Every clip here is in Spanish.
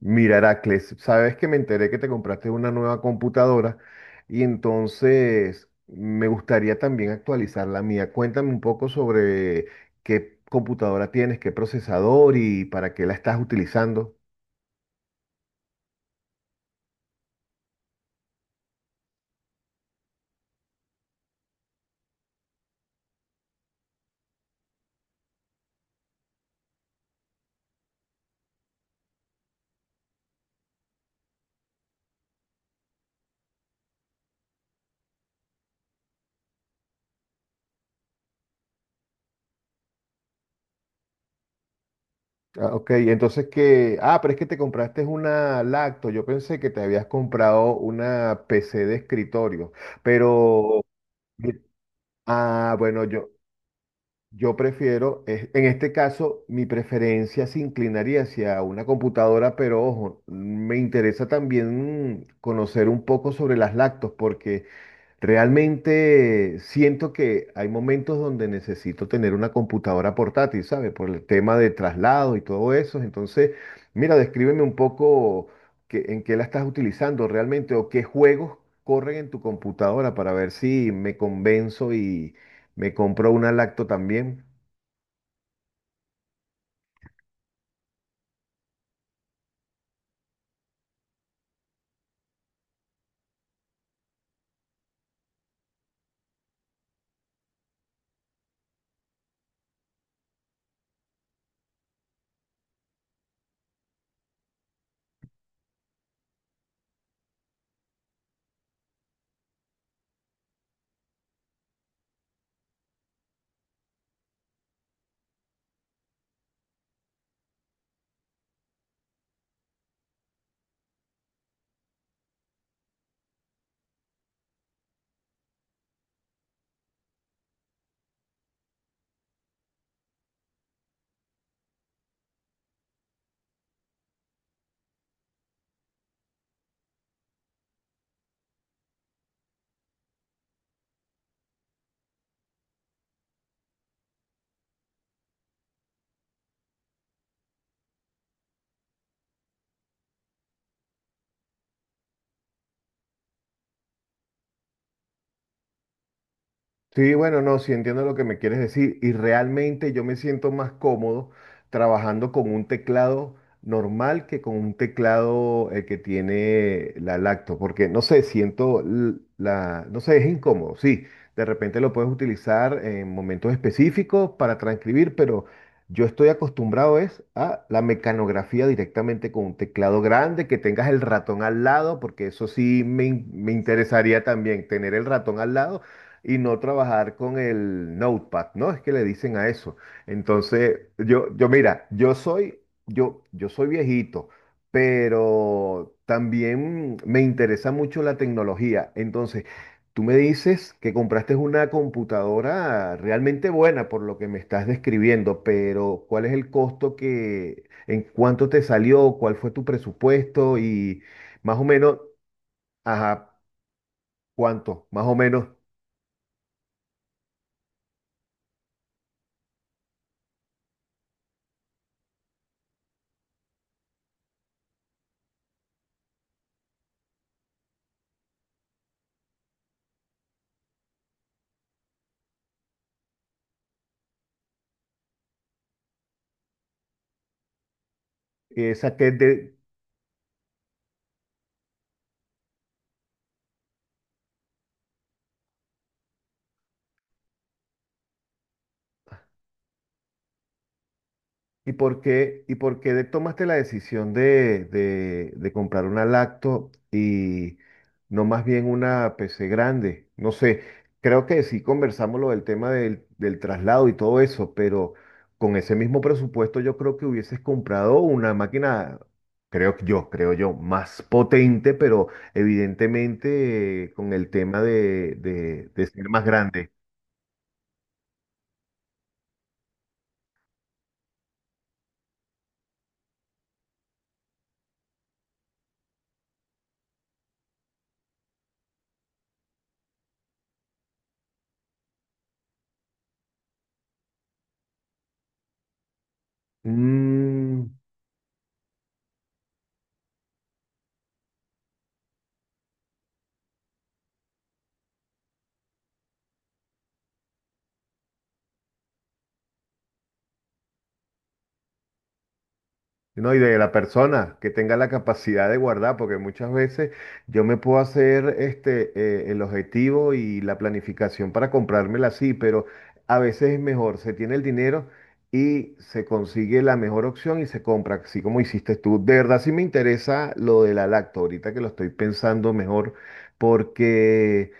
Mira, Heracles, sabes que me enteré que te compraste una nueva computadora y entonces me gustaría también actualizar la mía. Cuéntame un poco sobre qué computadora tienes, qué procesador y para qué la estás utilizando. Ah, ok, entonces que... Ah, pero es que te compraste una lacto. Yo pensé que te habías comprado una PC de escritorio, pero... Ah, bueno, yo... Yo prefiero, en este caso, mi preferencia se inclinaría hacia una computadora, pero ojo, me interesa también conocer un poco sobre las lactos, porque realmente siento que hay momentos donde necesito tener una computadora portátil, ¿sabes? Por el tema de traslado y todo eso. Entonces, mira, descríbeme un poco en qué la estás utilizando realmente o qué juegos corren en tu computadora para ver si me convenzo y me compro una lacto también. Sí, bueno, no, sí entiendo lo que me quieres decir y realmente yo me siento más cómodo trabajando con un teclado normal que con un teclado que tiene la lacto, porque no sé, siento la, no sé, es incómodo, sí, de repente lo puedes utilizar en momentos específicos para transcribir, pero yo estoy acostumbrado es a la mecanografía directamente con un teclado grande, que tengas el ratón al lado, porque eso sí me interesaría también tener el ratón al lado y no trabajar con el notepad, ¿no? Es que le dicen a eso. Entonces, yo mira, yo soy, yo soy viejito, pero también me interesa mucho la tecnología. Entonces, tú me dices que compraste una computadora realmente buena por lo que me estás describiendo, pero ¿cuál es el costo que, en cuánto te salió, cuál fue tu presupuesto y más o menos, ajá, cuánto, más o menos, esa que es de, ¿y por qué, y por qué tomaste la decisión de, de comprar una lacto y no más bien una PC grande? No sé, creo que sí conversamos lo del tema del, del traslado y todo eso, pero con ese mismo presupuesto yo creo que hubieses comprado una máquina, creo que yo, creo yo, más potente, pero evidentemente con el tema de, de ser más grande. No, y de la persona que tenga la capacidad de guardar, porque muchas veces yo me puedo hacer este, el objetivo y la planificación para comprármela así, pero a veces es mejor, se tiene el dinero y se consigue la mejor opción y se compra, así como hiciste tú. De verdad sí me interesa lo de la lacto, ahorita que lo estoy pensando mejor, porque...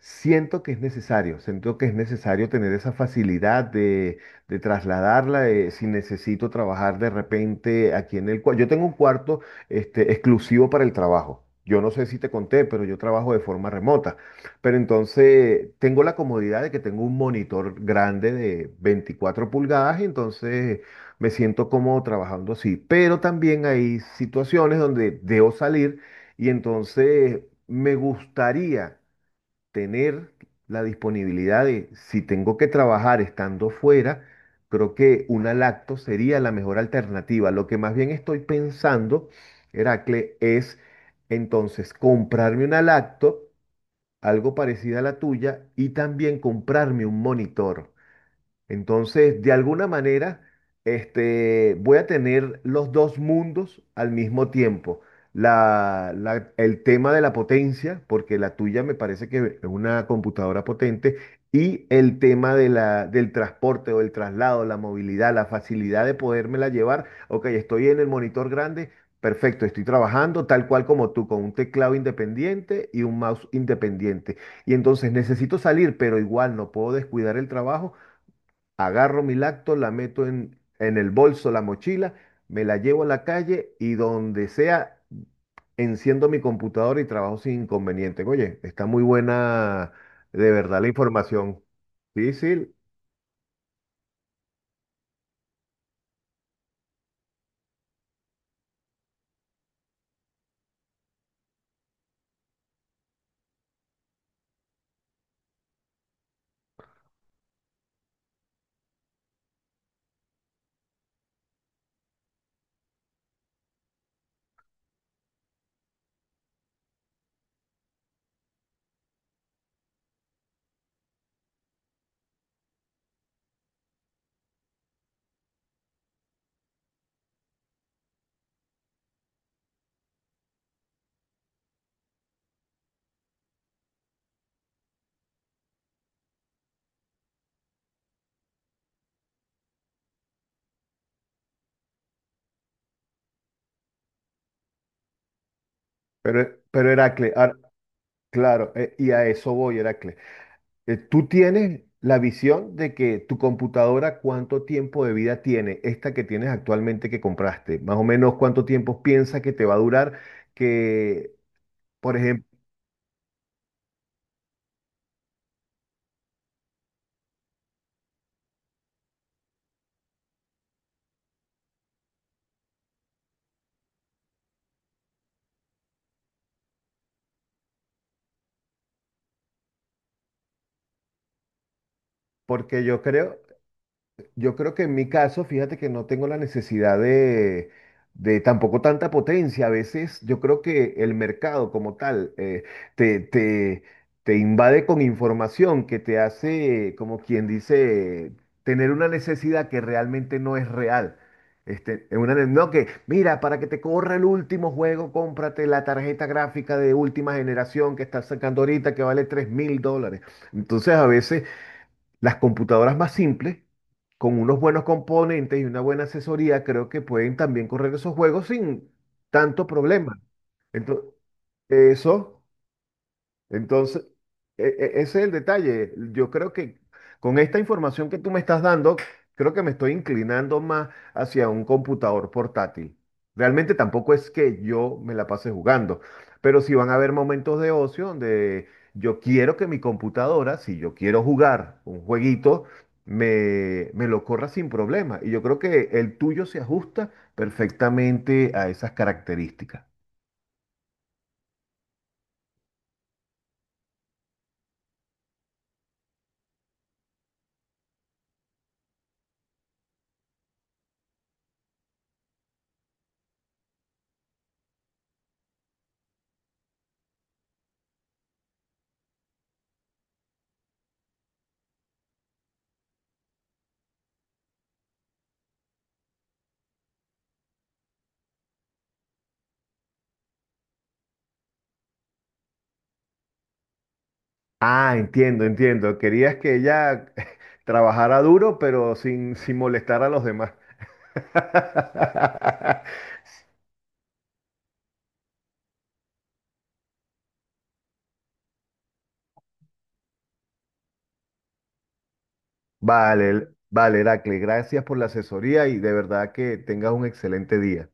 Siento que es necesario, siento que es necesario tener esa facilidad de trasladarla, de si necesito trabajar de repente aquí en el cuarto. Yo tengo un cuarto este, exclusivo para el trabajo. Yo no sé si te conté, pero yo trabajo de forma remota. Pero entonces tengo la comodidad de que tengo un monitor grande de 24 pulgadas y entonces me siento cómodo trabajando así. Pero también hay situaciones donde debo salir y entonces me gustaría tener la disponibilidad de, si tengo que trabajar estando fuera, creo que una lacto sería la mejor alternativa. Lo que más bien estoy pensando, Heracle, es entonces comprarme una lacto, algo parecida a la tuya, y también comprarme un monitor. Entonces, de alguna manera, este, voy a tener los dos mundos al mismo tiempo. El tema de la potencia, porque la tuya me parece que es una computadora potente, y el tema de la, del transporte o el traslado, la movilidad, la facilidad de podérmela llevar. Ok, estoy en el monitor grande, perfecto, estoy trabajando tal cual como tú, con un teclado independiente y un mouse independiente. Y entonces necesito salir, pero igual no puedo descuidar el trabajo, agarro mi lacto, la meto en el bolso, la mochila, me la llevo a la calle y donde sea, enciendo mi computadora y trabajo sin inconveniente. Oye, está muy buena de verdad la información. Sí, sí, pero Heracle, ah, claro, y a eso voy, Heracle. Tú tienes la visión de que tu computadora, ¿cuánto tiempo de vida tiene? Esta que tienes actualmente que compraste, más o menos cuánto tiempo piensas que te va a durar, que, por ejemplo, porque yo creo que en mi caso, fíjate que no tengo la necesidad de tampoco tanta potencia. A veces yo creo que el mercado como tal te, te, te invade con información que te hace, como quien dice, tener una necesidad que realmente no es real. Este, es una, no que, mira, para que te corra el último juego, cómprate la tarjeta gráfica de última generación que está sacando ahorita que vale $3000. Entonces a veces... Las computadoras más simples, con unos buenos componentes y una buena asesoría, creo que pueden también correr esos juegos sin tanto problema. Entonces, eso. Entonces, ese es el detalle. Yo creo que con esta información que tú me estás dando, creo que me estoy inclinando más hacia un computador portátil. Realmente tampoco es que yo me la pase jugando, pero sí van a haber momentos de ocio donde yo quiero que mi computadora, si yo quiero jugar un jueguito, me lo corra sin problema. Y yo creo que el tuyo se ajusta perfectamente a esas características. Ah, entiendo, entiendo. Querías que ella trabajara duro, pero sin, sin molestar a los demás. Vale, vale, Heracle, gracias por la asesoría y de verdad que tengas un excelente día.